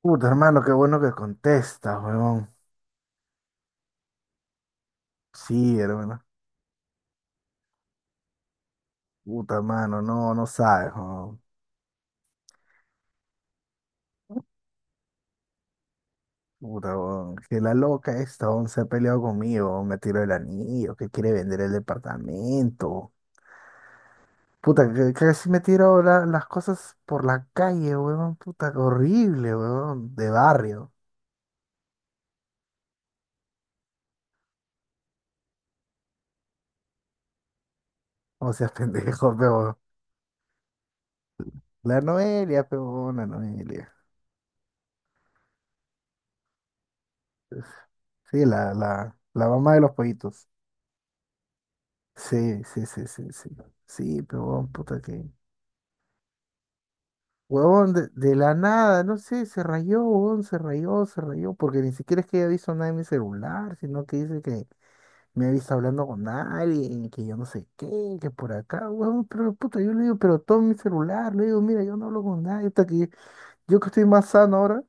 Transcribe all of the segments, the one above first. Puta, hermano, qué bueno que contestas, huevón. Sí, hermano. Puta, hermano, no, no sabes, huevón. Puta, huevón. Que la loca esta, huevón, se ha peleado conmigo, huevón. Me tiró el anillo, que quiere vender el departamento. Puta, que casi me tiró las cosas por la calle, huevón. Puta, horrible, huevón. De barrio. O sea, pendejo, pe, huevón. La Noelia, pe, huevón, la Noelia. Sí, la mamá de los pollitos. Sí, sí, sí, sí, sí. Sí, pero puta que. Huevón, de la nada, no sé, se rayó, huevón, se rayó, porque ni siquiera es que haya visto nada en mi celular, sino que dice que me ha visto hablando con alguien, que yo no sé qué, que por acá, huevón, pero puta, yo le digo, pero todo mi celular, le digo, mira, yo no hablo con nadie, hasta que yo que estoy más sano ahora,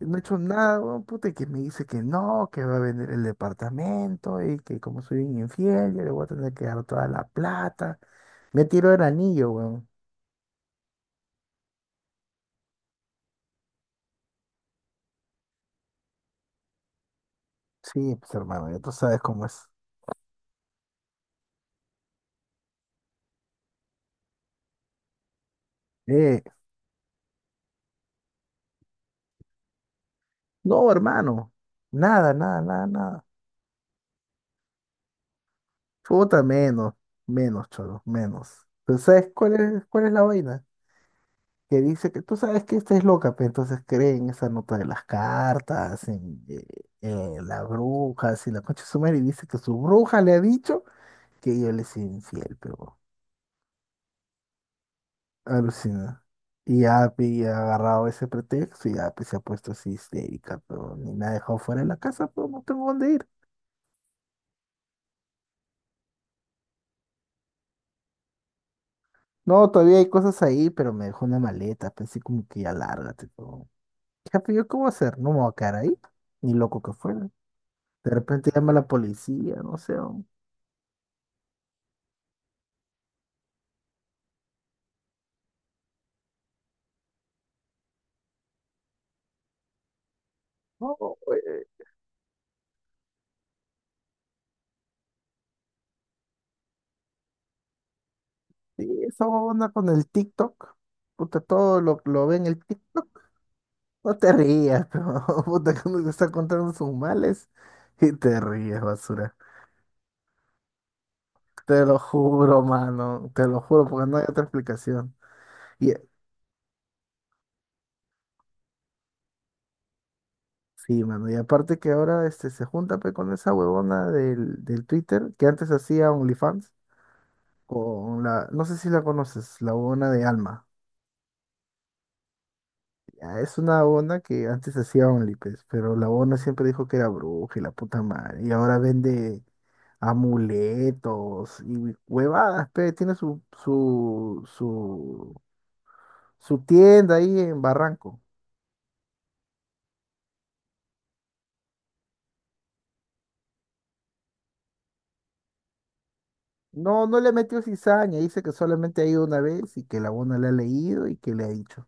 no he hecho nada, huevón, puta, y que me dice que no, que va a vender el departamento, y que como soy un infiel, yo le voy a tener que dar toda la plata, me tiró el anillo, huevón. Sí, pues hermano, ya tú sabes cómo es. Eh, No, hermano. Nada, nada, nada, nada. Puta, menos, menos, cholo, menos. ¿Pero sabes cuál es la vaina? Que dice que tú sabes que esta es loca, pero entonces cree en esa nota de las cartas, en las brujas y la concha de su madre, y dice que su bruja le ha dicho que ella le soy infiel, pero alucina. Y Api ha agarrado ese pretexto y Api se ha puesto así histérica, pero ni me ha dejado fuera de la casa, pero no tengo dónde ir. No, todavía hay cosas ahí, pero me dejó una maleta. Pensé como que ya lárgate, pero, jefe, ¿yo cómo hacer? No me voy a quedar ahí. Ni loco que fuera. De repente llama a la policía, no sé. No, eh, sí, esa onda con el TikTok. Puta, todo lo ve en el TikTok. No te rías, pero puta, cuando te está contando sus males. Y te ríes, basura. Te lo juro, mano. Te lo juro, porque no hay otra explicación. Y sí, mano. Y aparte que ahora este, se junta pe, con esa huevona del Twitter que antes hacía OnlyFans con la, no sé si la conoces, la huevona de Alma. Ya, es una huevona que antes hacía Only, pues, pero la huevona siempre dijo que era bruja y la puta madre. Y ahora vende amuletos y huevadas, pe. Tiene su tienda ahí en Barranco. No, no le metió cizaña, dice que solamente ha ido una vez y que la huevona le ha leído y que le ha dicho.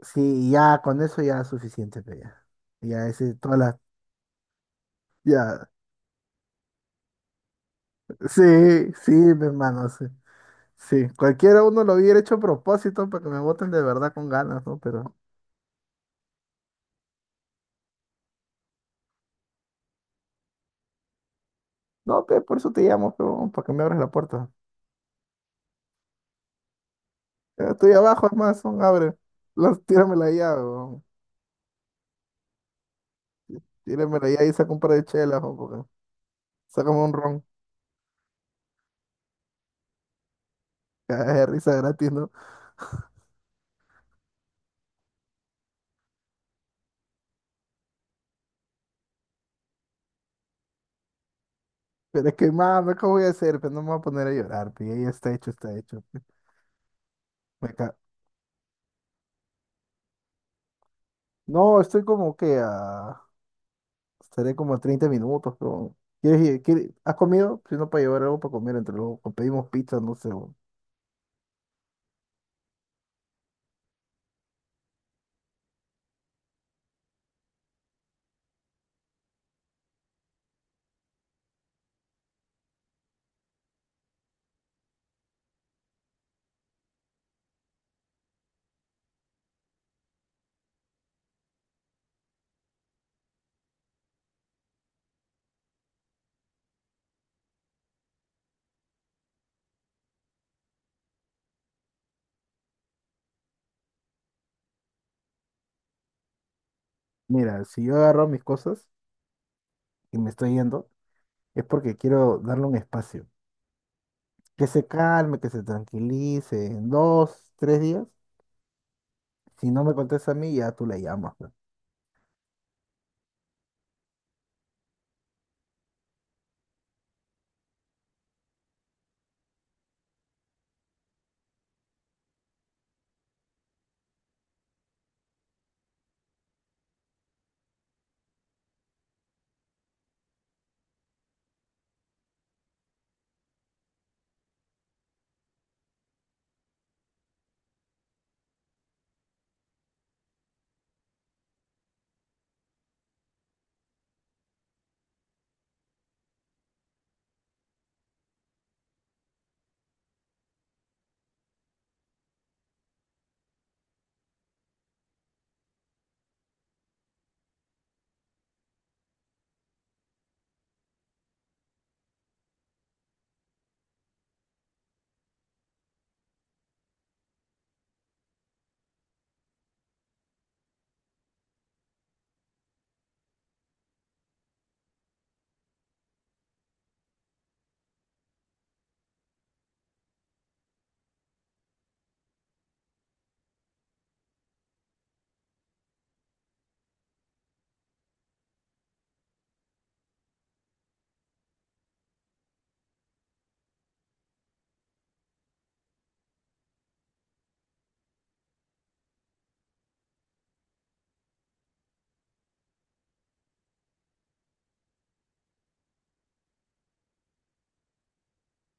Sí, y ya con eso ya es suficiente, pero ya. Ya ese, todas las, ya. Sí, sí, mi hermano, sí. Sí, cualquiera uno lo hubiera hecho a propósito para que me voten de verdad con ganas, ¿no? Pero, no, pe, por eso te llamo, pero, para que me abras la puerta. Ya estoy abajo, hermano, son, abre. Las, tíramela ya, weón. Tíramela ya y saca un par de chelas, weón, porque sácame un ron. Cagada de risa gratis, ¿no? Pero es que, mano, ¿cómo voy a hacer? Pero no me voy a poner a llorar, pe. Ya está hecho, está hecho, pe. Me ca- No, estoy como que a... Estaré como a 30 minutos, pero... ¿Has comido? Si no, para llevar algo para comer entre luego. O pedimos pizza, no sé, weón. Mira, si yo agarro mis cosas y me estoy yendo, es porque quiero darle un espacio. Que se calme, que se tranquilice. En 2, 3 días, si no me contesta a mí, ya tú le llamas, weón.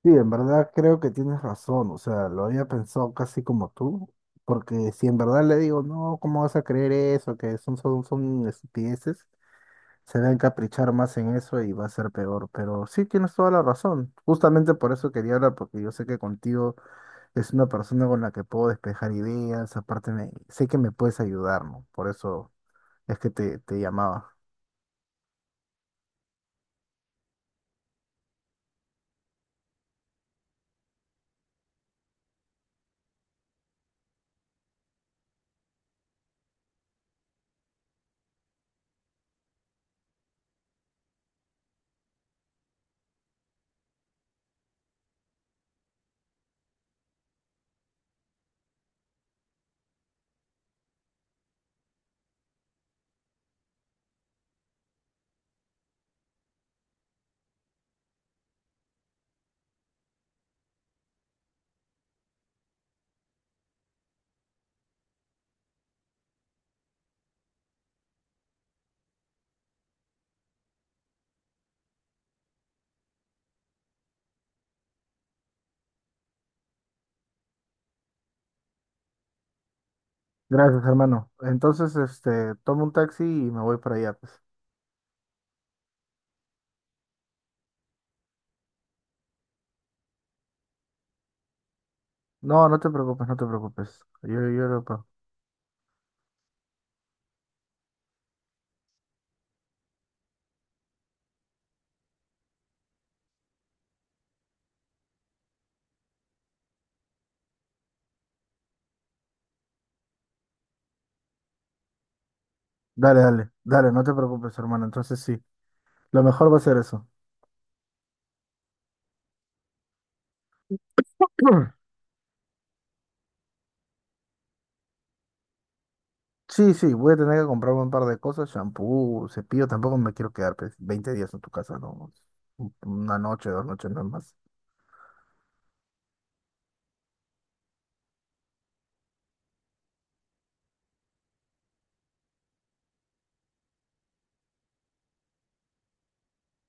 Sí, en verdad creo que tienes razón, o sea, lo había pensado casi como tú, porque si en verdad le digo, no, ¿cómo vas a creer eso? Que son, son, son estupideces, se va a encaprichar más en eso y va a ser peor, pero sí tienes toda la razón, justamente por eso quería hablar, porque yo sé que contigo es una persona con la que puedo despejar ideas, aparte sé que me puedes ayudar, ¿no? Por eso es que te llamaba. Gracias, hermano. Entonces, este, tomo un taxi y me voy para allá, pues. No, no te preocupes, no te preocupes. Yo lo pago. Dale, dale, dale, no te preocupes, hermano. Entonces sí, lo mejor va a ser eso. Sí, sí, voy a tener que comprarme un par de cosas, shampoo, cepillo, tampoco me quiero quedar pues, 20 días en tu casa, no. Una noche, 2 noches, no es más.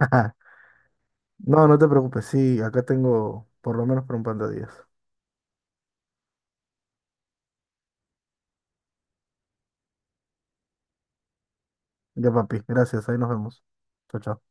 No, no te preocupes, sí, acá tengo por lo menos para un par de días. Ya, papi, gracias, ahí nos vemos. Chao, chao.